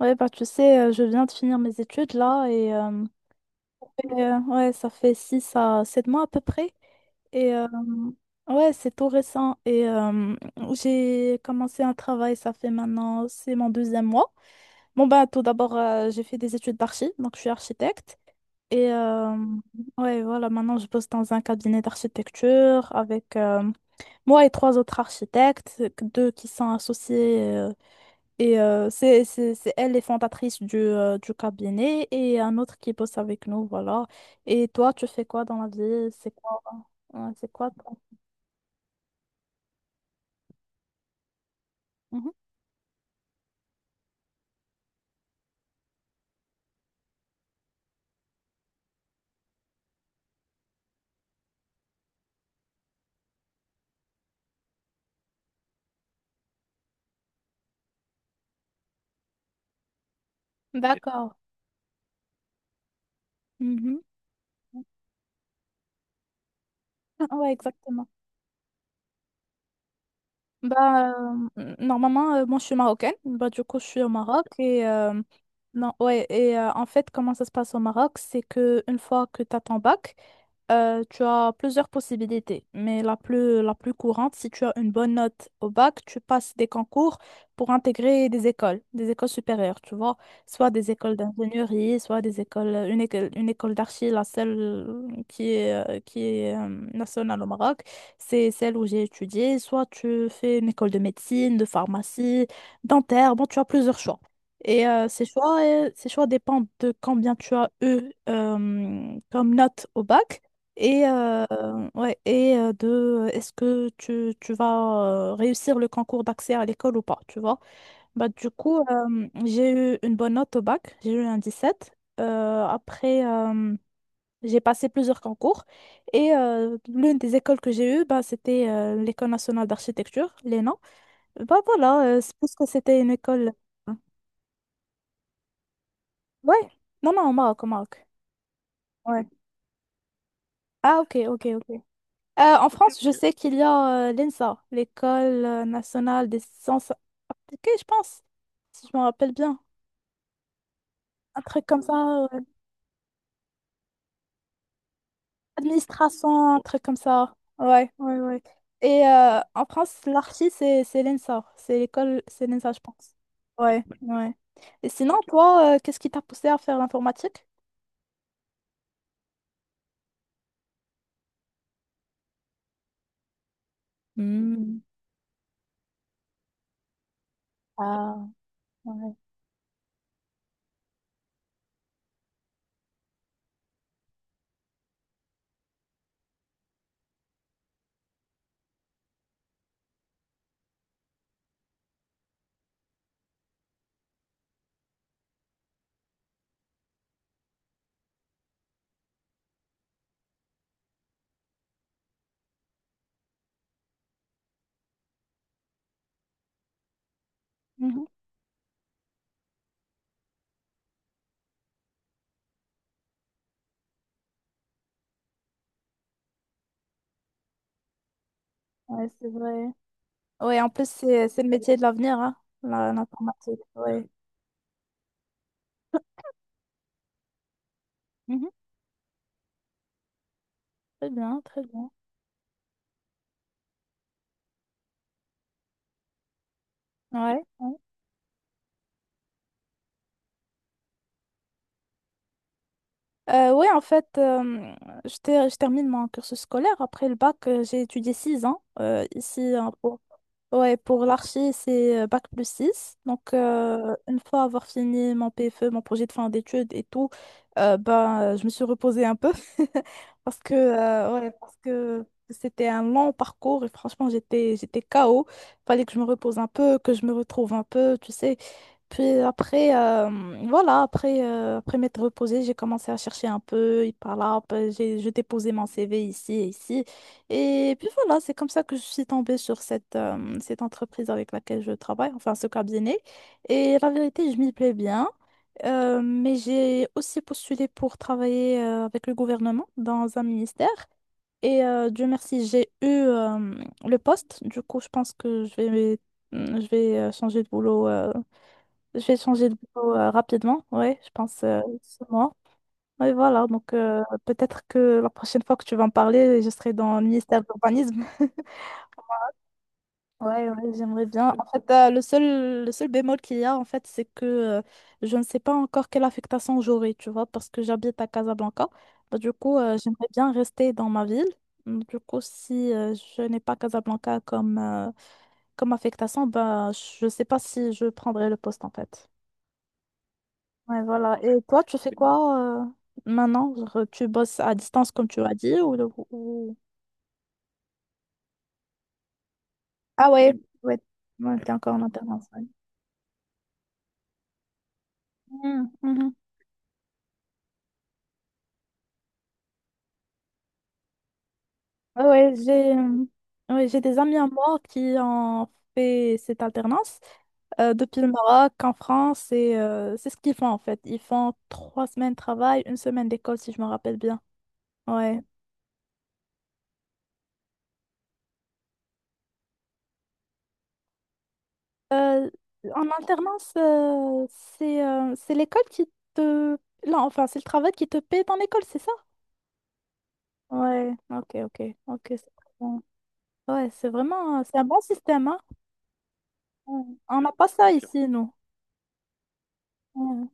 Ouais, bah tu sais, je viens de finir mes études là et, ouais, ça fait 6 à 7 mois à peu près. Et ouais, c'est tout récent. Et j'ai commencé un travail, ça fait maintenant, c'est mon deuxième mois. Bon, bah tout d'abord, j'ai fait des études d'archi, donc je suis architecte. Et ouais, voilà, maintenant je bosse dans un cabinet d'architecture avec moi et trois autres architectes, deux qui sont associés. C'est elle les fondatrices du cabinet et un autre qui bosse avec nous, voilà. Et toi, tu fais quoi dans la vie? C'est quoi ton- Mhm. D'accord. Mhm. Ouais, exactement. Bah, normalement, moi, je suis marocaine. Bah, du coup, je suis au Maroc. Non, ouais, en fait, comment ça se passe au Maroc, c'est que une fois que tu as ton bac, tu as plusieurs possibilités. Mais la plus courante, si tu as une bonne note au bac, tu passes des concours pour intégrer des écoles supérieures, tu vois. Soit des écoles d'ingénierie, soit des écoles, une école d'archi, la seule qui est nationale au Maroc. C'est celle où j'ai étudié. Soit tu fais une école de médecine, de pharmacie, dentaire. Bon, tu as plusieurs choix. Et ces choix dépendent de combien tu as eu comme note au bac et, ouais, de est-ce que tu vas réussir le concours d'accès à l'école ou pas, tu vois. Bah, du coup, j'ai eu une bonne note au bac, j'ai eu un 17. Après, j'ai passé plusieurs concours et l'une des écoles que j'ai eues, bah, c'était l'École nationale d'architecture, l'ENA. Bah voilà, c'est parce que c'était une école, hein. Ouais, non, non, au Maroc, au Maroc. Ouais. Ah, ok, ok, ok. En France, je sais qu'il y a l'ENSA, l'École nationale des sciences appliquées, je pense, si je me rappelle bien. Un truc comme ça. Administration, un truc comme ça. Ouais, ouais, ouais. Et en France, l'archi, c'est l'ENSA. C'est l'école, c'est l'ENSA, je pense. Ouais, ouais. Et sinon, toi, qu'est-ce qui t'a poussé à faire l'informatique? Hmm. Ah, ouais. Mhm. Ouais, c'est vrai. Ouais, en plus, c'est le métier de l'avenir, hein, l'informatique. Ouais. Mhm. Très bien, très bien. Ouais. Ouais. Ouais, en fait, je termine mon cursus scolaire. Après le bac, j'ai étudié 6 ans ici en- Ouais, pour l'archi, c'est bac plus 6. Donc, une fois avoir fini mon PFE, mon projet de fin d'études et tout, je me suis reposée un peu parce que, ouais, parce que c'était un long parcours et franchement, j'étais KO. Fallait que je me repose un peu, que je me retrouve un peu, tu sais. Puis après, voilà, après, après m'être reposée, j'ai commencé à chercher un peu, et par là, hop, j'ai déposé mon CV ici et ici. Et puis voilà, c'est comme ça que je suis tombée sur cette entreprise avec laquelle je travaille, enfin ce cabinet. Et la vérité, je m'y plais bien. Mais j'ai aussi postulé pour travailler avec le gouvernement dans un ministère. Et Dieu merci, j'ai eu le poste. Du coup, je pense que je vais changer de boulot. Je vais changer de boulot rapidement. Oui, je pense ce mois. Oui, voilà. Donc peut-être que la prochaine fois que tu vas en parler, je serai dans le ministère de l'urbanisme. Ouais, ouais, j'aimerais bien. En fait, le seul bémol qu'il y a, en fait, c'est que je ne sais pas encore quelle affectation j'aurai, tu vois, parce que j'habite à Casablanca. Bah, du coup, j'aimerais bien rester dans ma ville. Du coup, si je n'ai pas Casablanca comme affectation, bah, je ne sais pas si je prendrai le poste, en fait. Ouais, voilà. Et toi, tu fais quoi maintenant? Genre, tu bosses à distance, comme tu as dit, ou... Ah ouais, ouais, ouais, t'es encore en alternance. Ouais. Mhm, mhm. Ah ouais, j'ai ouais, j'ai des amis à moi qui ont fait cette alternance depuis le Maroc en France et c'est ce qu'ils font en fait. Ils font 3 semaines de travail, une semaine d'école si je me rappelle bien. Ouais. Euh, En alternance, c'est l'école qui te... Non, enfin, c'est le travail qui te paie ton école, c'est ça? Ouais, ok, ok, ok, c'est très bon. Ouais, c'est vraiment, c'est un bon système, hein. On n'a pas ça ici, nous. Ouais.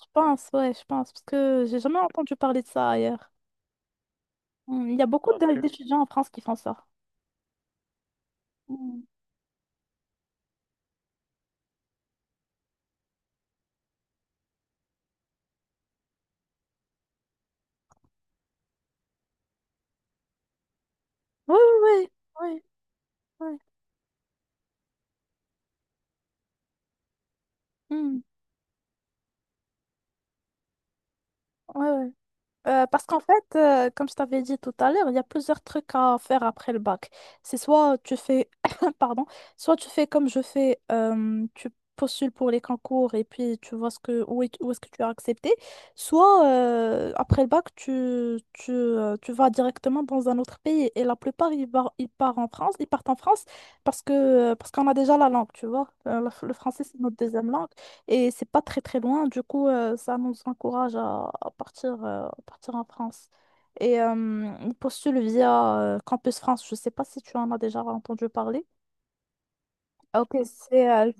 Je pense, ouais, je pense, parce que j'ai jamais entendu parler de ça ailleurs. Hmm, il y a beaucoup de- Ok. D'étudiants en France qui font ça. Oui, oui, oui, oui, oui. Ouais, ouais. Ouais. Hmm, ouais, ouais. Parce qu'en fait, comme je t'avais dit tout à l'heure, il y a plusieurs trucs à faire après le bac. C'est soit tu fais, pardon, soit tu fais comme je fais, tu postules pour les concours et puis tu vois ce que, où est-ce que tu as accepté, soit après le bac, tu vas directement dans un autre pays. Et la plupart, ils partent en France, parce qu'on a déjà la langue, tu vois. Le français, c'est notre deuxième langue. Et c'est pas très très loin, du coup, ça nous encourage à partir en France. Et on postule via Campus France, je sais pas si tu en as déjà entendu parler. Ah, ok. c'est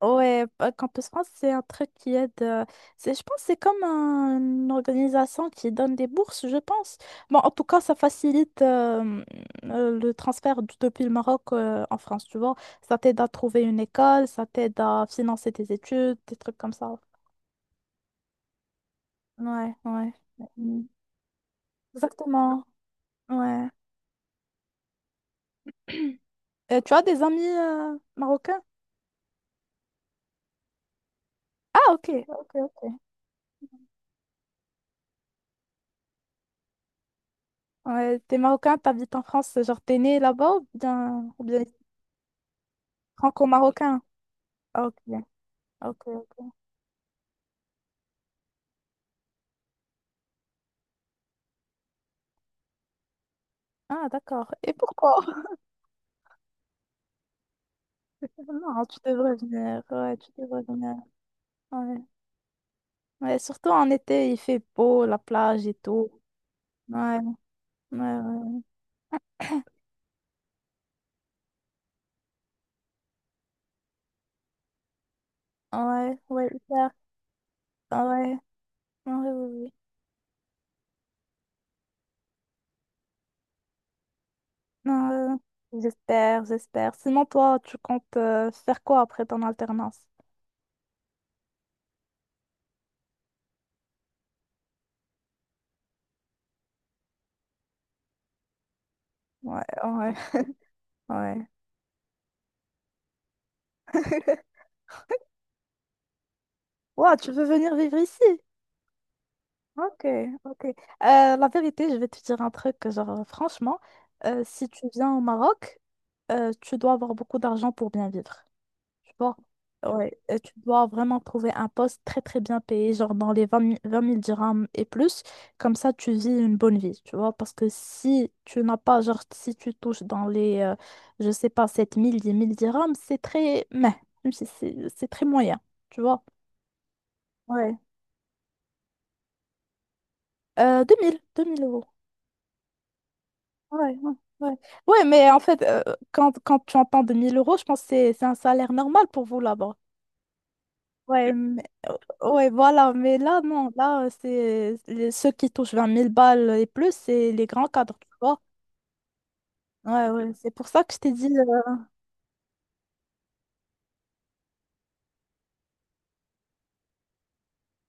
Ouais, Campus France, c'est un truc qui aide. C'est, je pense que c'est comme une organisation qui donne des bourses, je pense. Bon, en tout cas, ça facilite le transfert depuis le Maroc en France, tu vois. Ça t'aide à trouver une école, ça t'aide à financer tes études, des trucs comme ça. Ouais, ouais. Mm. Exactement. Ouais. Tu as des amis marocains? Ah, ok. Ok, ok. Ouais, t'es marocain, t'habites en France, genre t'es né là-bas ou bien franco-marocain? Ah, ok, ok. Ok. Ah, d'accord. Et pourquoi? Non, tu devrais venir. Ouais, tu devrais venir. Ouais. Ouais, surtout en été, il fait beau, la plage et tout. Ouais, ouais, ouais. Ouais, ouais, hyper. Ah, ouais, ouais, ouais. Ouais. Non, j'espère, j'espère. Sinon, toi, tu comptes faire quoi après ton alternance? Ouais, ouais, ouais. Wow, tu veux venir vivre ici? Ok, ok. La vérité, je vais te dire un truc, genre, franchement, si tu viens au Maroc, tu dois avoir beaucoup d'argent pour bien vivre. Tu vois, ouais, et tu dois vraiment trouver un poste très très bien payé, genre dans les 20 000, 20 000 dirhams et plus. Comme ça, tu vis une bonne vie, tu vois. Parce que si tu n'as pas, genre, si tu touches dans les, je sais pas, 7 000 10 000 dirhams, c'est très, mais, c'est très moyen, tu vois. Ouais. 2 000 euros. Ouais, ouais, ouais. Ouais, mais en fait, quand tu entends 2 000 euros, je pense que c'est un salaire normal pour vous là-bas. Ouais, oh, ouais, voilà, mais là, non, là, c'est ceux qui touchent 20 000 balles et plus, c'est les grands cadres, tu vois. Ouais, ouais, c'est pour ça que je t'ai dit,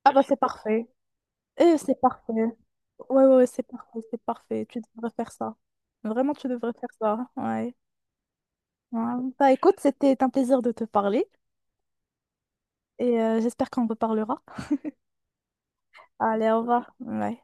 ah bah c'est parfait. Et c'est parfait. Ouais, ouais, c'est parfait, c'est parfait. Tu devrais faire ça. Vraiment, tu devrais faire ça. Ouais. Ouais. Bah écoute, c'était un plaisir de te parler et j'espère qu'on reparlera. Allez, au revoir. Ouais.